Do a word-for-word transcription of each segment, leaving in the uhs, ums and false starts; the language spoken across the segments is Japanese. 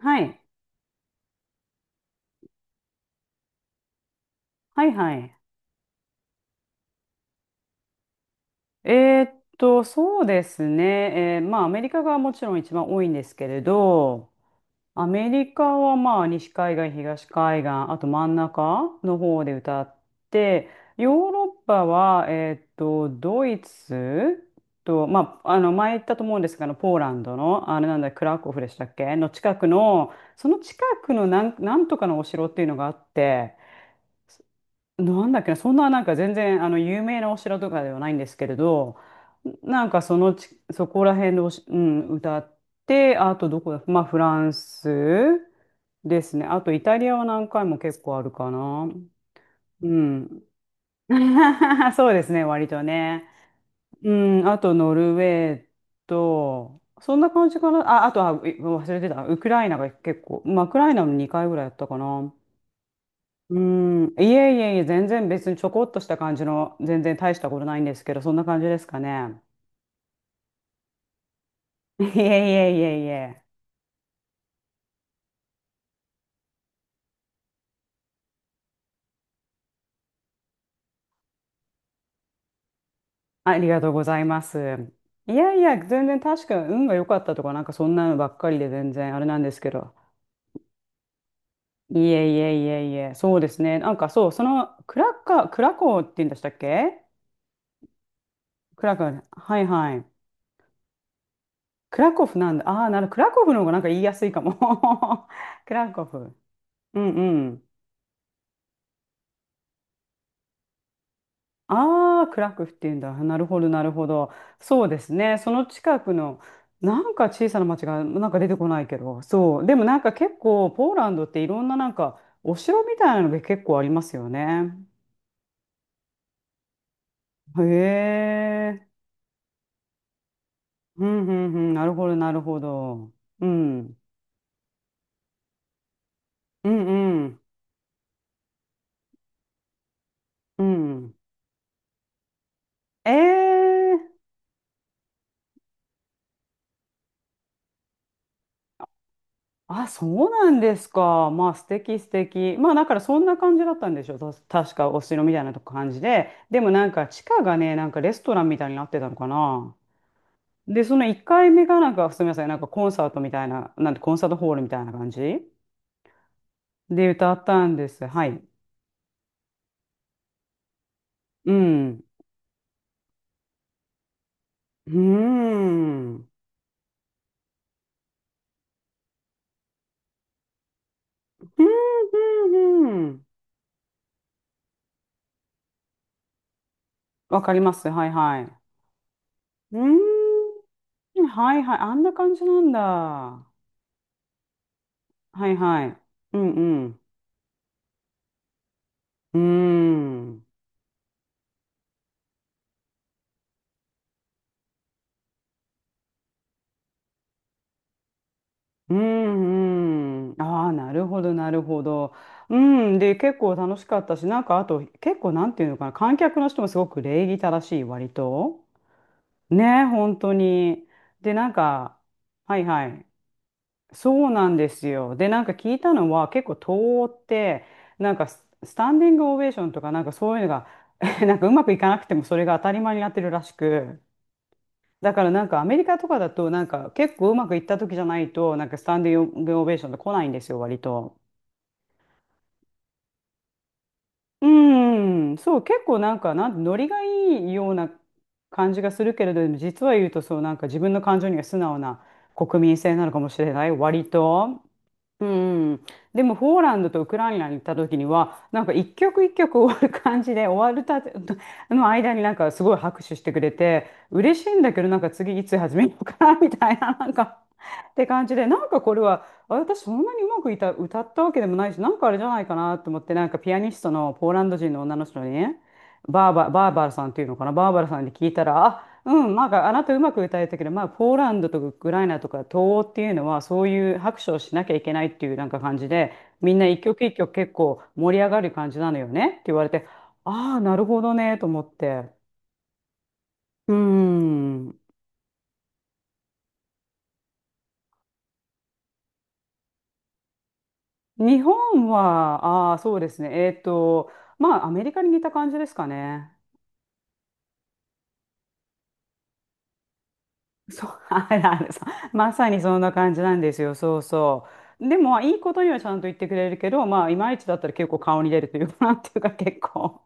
はい。はいはい。えーっと、そうですね。えーまあ、アメリカがもちろん一番多いんですけれど、アメリカはまあ、西海岸、東海岸、あと真ん中の方で歌って、ヨーロッパは、えーっと、ドイツと、まあ、あの、前言ったと思うんですが、あの、ポーランドの、あれなんだ、クラクフでしたっけの近くの、その近くのなん、なんとかのお城っていうのがあって、なんだっけな、そんななんか全然あの有名なお城とかではないんですけれど、なんかそのち、そこら辺でおし、うん、歌って、あとどこだ、まあフランスですね。あとイタリアは何回も結構あるかな。うん。そうですね、割とね。うん、あとノルウェーと、そんな感じかな。あ、あとは、う忘れてた。ウクライナが結構、まあ、ウクライナもにかいぐらいやったかな。うん、いえいえいえ、全然別にちょこっとした感じの、全然大したことないんですけど、そんな感じですかね。いえいえいえいえ、ありがとうございます。いやいや、全然確か運が良かったとか、なんかそんなのばっかりで全然あれなんですけど。いえいえいえいえ、そうですね。なんかそう、そのクラッカー、クラコーって言うんでしたっけ。クラコーね、はいはい。クラコフなんだ。ああ、なる、クラコフの方がなんか言いやすいかも。クラコフ。うんうん。ああ、クラクフっていうんだ。なるほど、なるほど。そうですね。その近くの、なんか小さな町が、なんか出てこないけど、そう。でもなんか結構、ポーランドっていろんななんか、お城みたいなのが結構ありますよね。へえ。うんうんうん。なるほど、なるほど。うん。うんうん。うん。ええ。あ、そうなんですか。まあ、素敵素敵。まあ、だからそんな感じだったんでしょ。た確か、お城みたいなとこ感じで。でもなんか、地下がね、なんかレストランみたいになってたのかな。で、そのいっかいめがなんか、すみません、なんかコンサートみたいな、なんてコンサートホールみたいな感じで歌ったんです。はい。うん。うーん。うん、うん、うん。わかります。はい、はい。うーん。はい、はい。あんな感じなんだ。はい、はい。うん、うん。うーん。うーん、うん。ああ、なるほど、なるほど。うん。で、結構楽しかったし、なんかあと、結構なんていうのかな、観客の人もすごく礼儀正しい、割と。ねえ、本当に。で、なんか、はいはい。そうなんですよ。で、なんか聞いたのは、結構東欧って、なんかス、スタンディングオベーションとか、なんかそういうのが、なんかうまくいかなくても、それが当たり前になってるらしく。だからなんかアメリカとかだとなんか結構うまくいった時じゃないとなんかスタンディングオベーションって来ないんですよ割と。うーん、そう結構なんかなんノリがいいような感じがするけれど、でも実は言うと、そうなんか自分の感情には素直な国民性なのかもしれない割と。うん、でもポーランドとウクライナに行った時にはなんか一曲一曲終わる感じで終わるたての間になんかすごい拍手してくれて嬉しいんだけど、なんか次いつ始めようかなみたいな、なんかって感じで、なんかこれは、あ私そんなにうまくいた歌ったわけでもないし、なんかあれじゃないかなと思って、なんかピアニストのポーランド人の女の人にね、バーバ、バーバラさんっていうのかな、バーバラさんに聞いたら、うん、まああなたうまく歌えたけど、まあ、ポーランドとかウクライナとか東欧っていうのはそういう拍手をしなきゃいけないっていうなんか感じで、みんな一曲一曲結構盛り上がる感じなのよねって言われて、ああなるほどねと思って、うん。日本はああそうですね、えっとまあアメリカに似た感じですかね。そう、あらあら、そう、まさにそんな感じなんですよ。そうそう、でもいいことにはちゃんと言ってくれるけど、まあいまいちだったら結構顔に出るというか、なんていうか結構。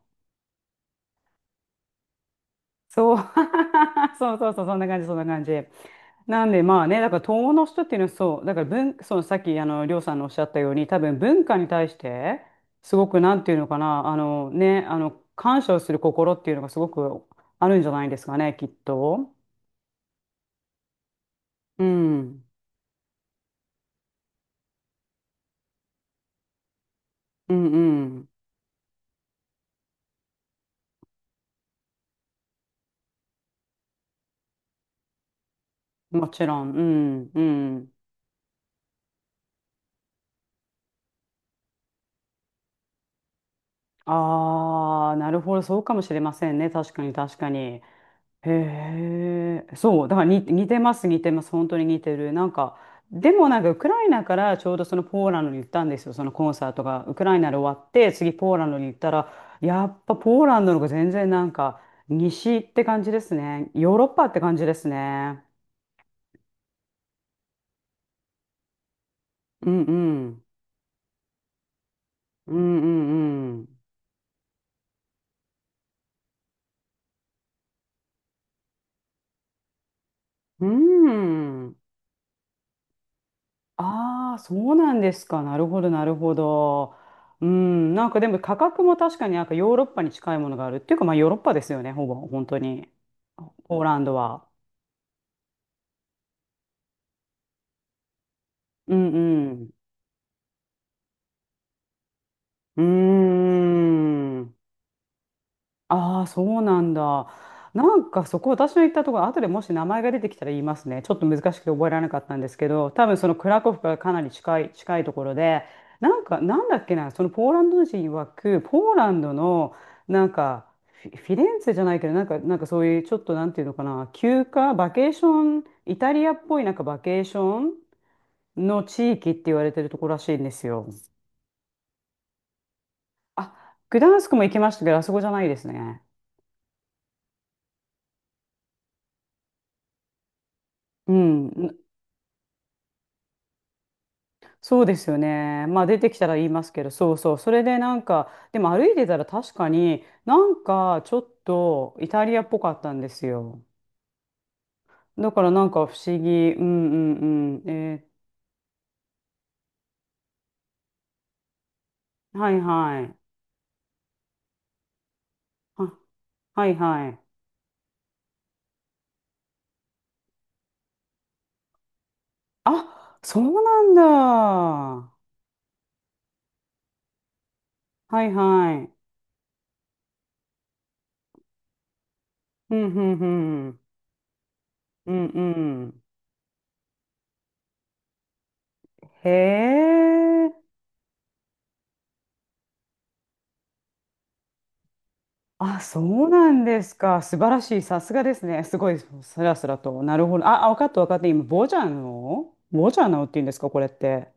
そう。そうそうそう、そんな感じ、そんな感じ。なんでまあね、だから東欧の人っていうのはそう、だから文、そのさっきあの、りょうさんのおっしゃったように、多分文化に対して、すごくなんていうのかな、あのね、あの、感謝をする心っていうのがすごくあるんじゃないですかね、きっと。うん。うんうん。もちろん。うんうん。ああ、なるほど、そうかもしれませんね。確かに確かに。へえ、そう、だから似、似てます、似てます、本当に似てる。なんか、でもなんか、ウクライナからちょうどそのポーランドに行ったんですよ、そのコンサートが。ウクライナで終わって、次ポーランドに行ったら、やっぱポーランドの方が全然なんか、西って感じですね。ヨーロッパって感じですね。うんうん。うんうんうん。うん。ああ、そうなんですか。なるほど、なるほど。うん、なんかでも価格も確かになんかヨーロッパに近いものがあるっていうか、まあヨーロッパですよね、ほぼ、本当に。ポーランドは。うんうん。うーん。ああ、そうなんだ。なんかそこ私の言ったところ、後でもし名前が出てきたら言いますね。ちょっと難しくて覚えられなかったんですけど、多分そのクラコフからかなり近い、近いところで、なんか、なんだっけな、そのポーランド人曰く、ポーランドの、なんか、フィフィレンツェじゃないけど、なんか、なんかそういう、ちょっとなんていうのかな、休暇、バケーション、イタリアっぽいなんかバケーションの地域って言われてるところらしいんですよ。あ、グダンスクも行きましたけど、あそこじゃないですね。うん。そうですよね。まあ出てきたら言いますけど、そうそう。それでなんか、でも歩いてたら確かになんかちょっとイタリアっぽかったんですよ。だからなんか不思議。うんうんうん。えーはいはい。あ、はいはい。あ、そうなんだ。はいはい。うんうんうん。うんうん。へえ。あ、そうなんですか。素晴らしい。さすがですね。すごい、スラスラと。なるほど。あ、あ、分かった分かった。今、ボジャノボジャノっていうんですか、これって。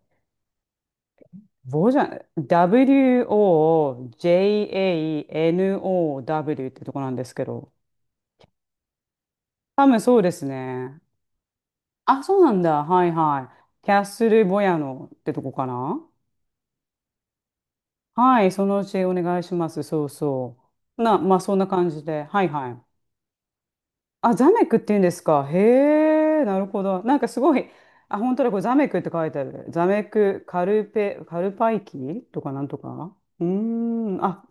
ボジャ、WOJANOW ってとこなんですけど。多分そうですね。あ、そうなんだ。はいはい。キャッスルボヤノってとこかな。はい、そのうちお願いします。そうそう。な、まあ、そんな感じで。はいはい。あ、ザメクって言うんですか。へえ、なるほど。なんかすごい、あ、本当だ、これザメクって書いてあるね。ザメク、カルペ、カルパイキとかなんとか。うーん、あ、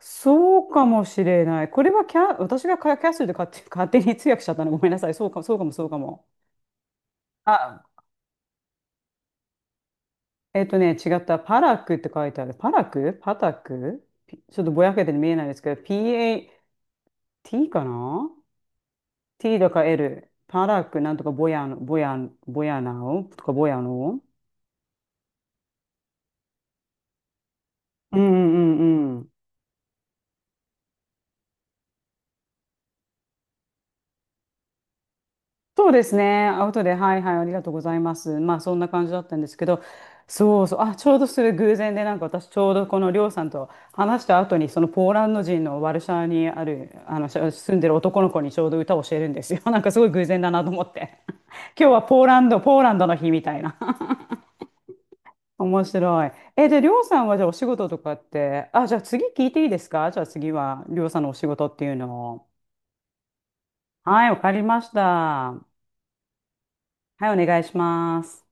そうかもしれない。これはキャ、私がカキャッスルで勝手、勝手に通訳しちゃったの。ごめんなさい。そうか、そうかも、そうかも。あ、えっとね、違った。パラクって書いてある。パラクパタクピちょっとぼやけて見えないですけど、ピーエーティー かな、 T とか L、パラックなんとかボヤの、ボヤ、ボヤナオとかボヤノ。うんうんうんうん。そうですね。アウトで、はいはい、ありがとうございます。まあ、そんな感じだったんですけど、そうそう、あ、ちょうどする偶然で、なんか私、ちょうどこのりょうさんと話した後に、そのポーランド人のワルシャワにある、あの、し住んでる男の子にちょうど歌を教えるんですよ。なんかすごい偶然だなと思って。今日はポーランド、ポーランドの日みたいな。面白い。え、で、りょうさんはじゃあお仕事とかって、あ、じゃあ次聞いていいですか。じゃあ次はりょうさんのお仕事っていうのを。はい、わかりました。はい、お願いします。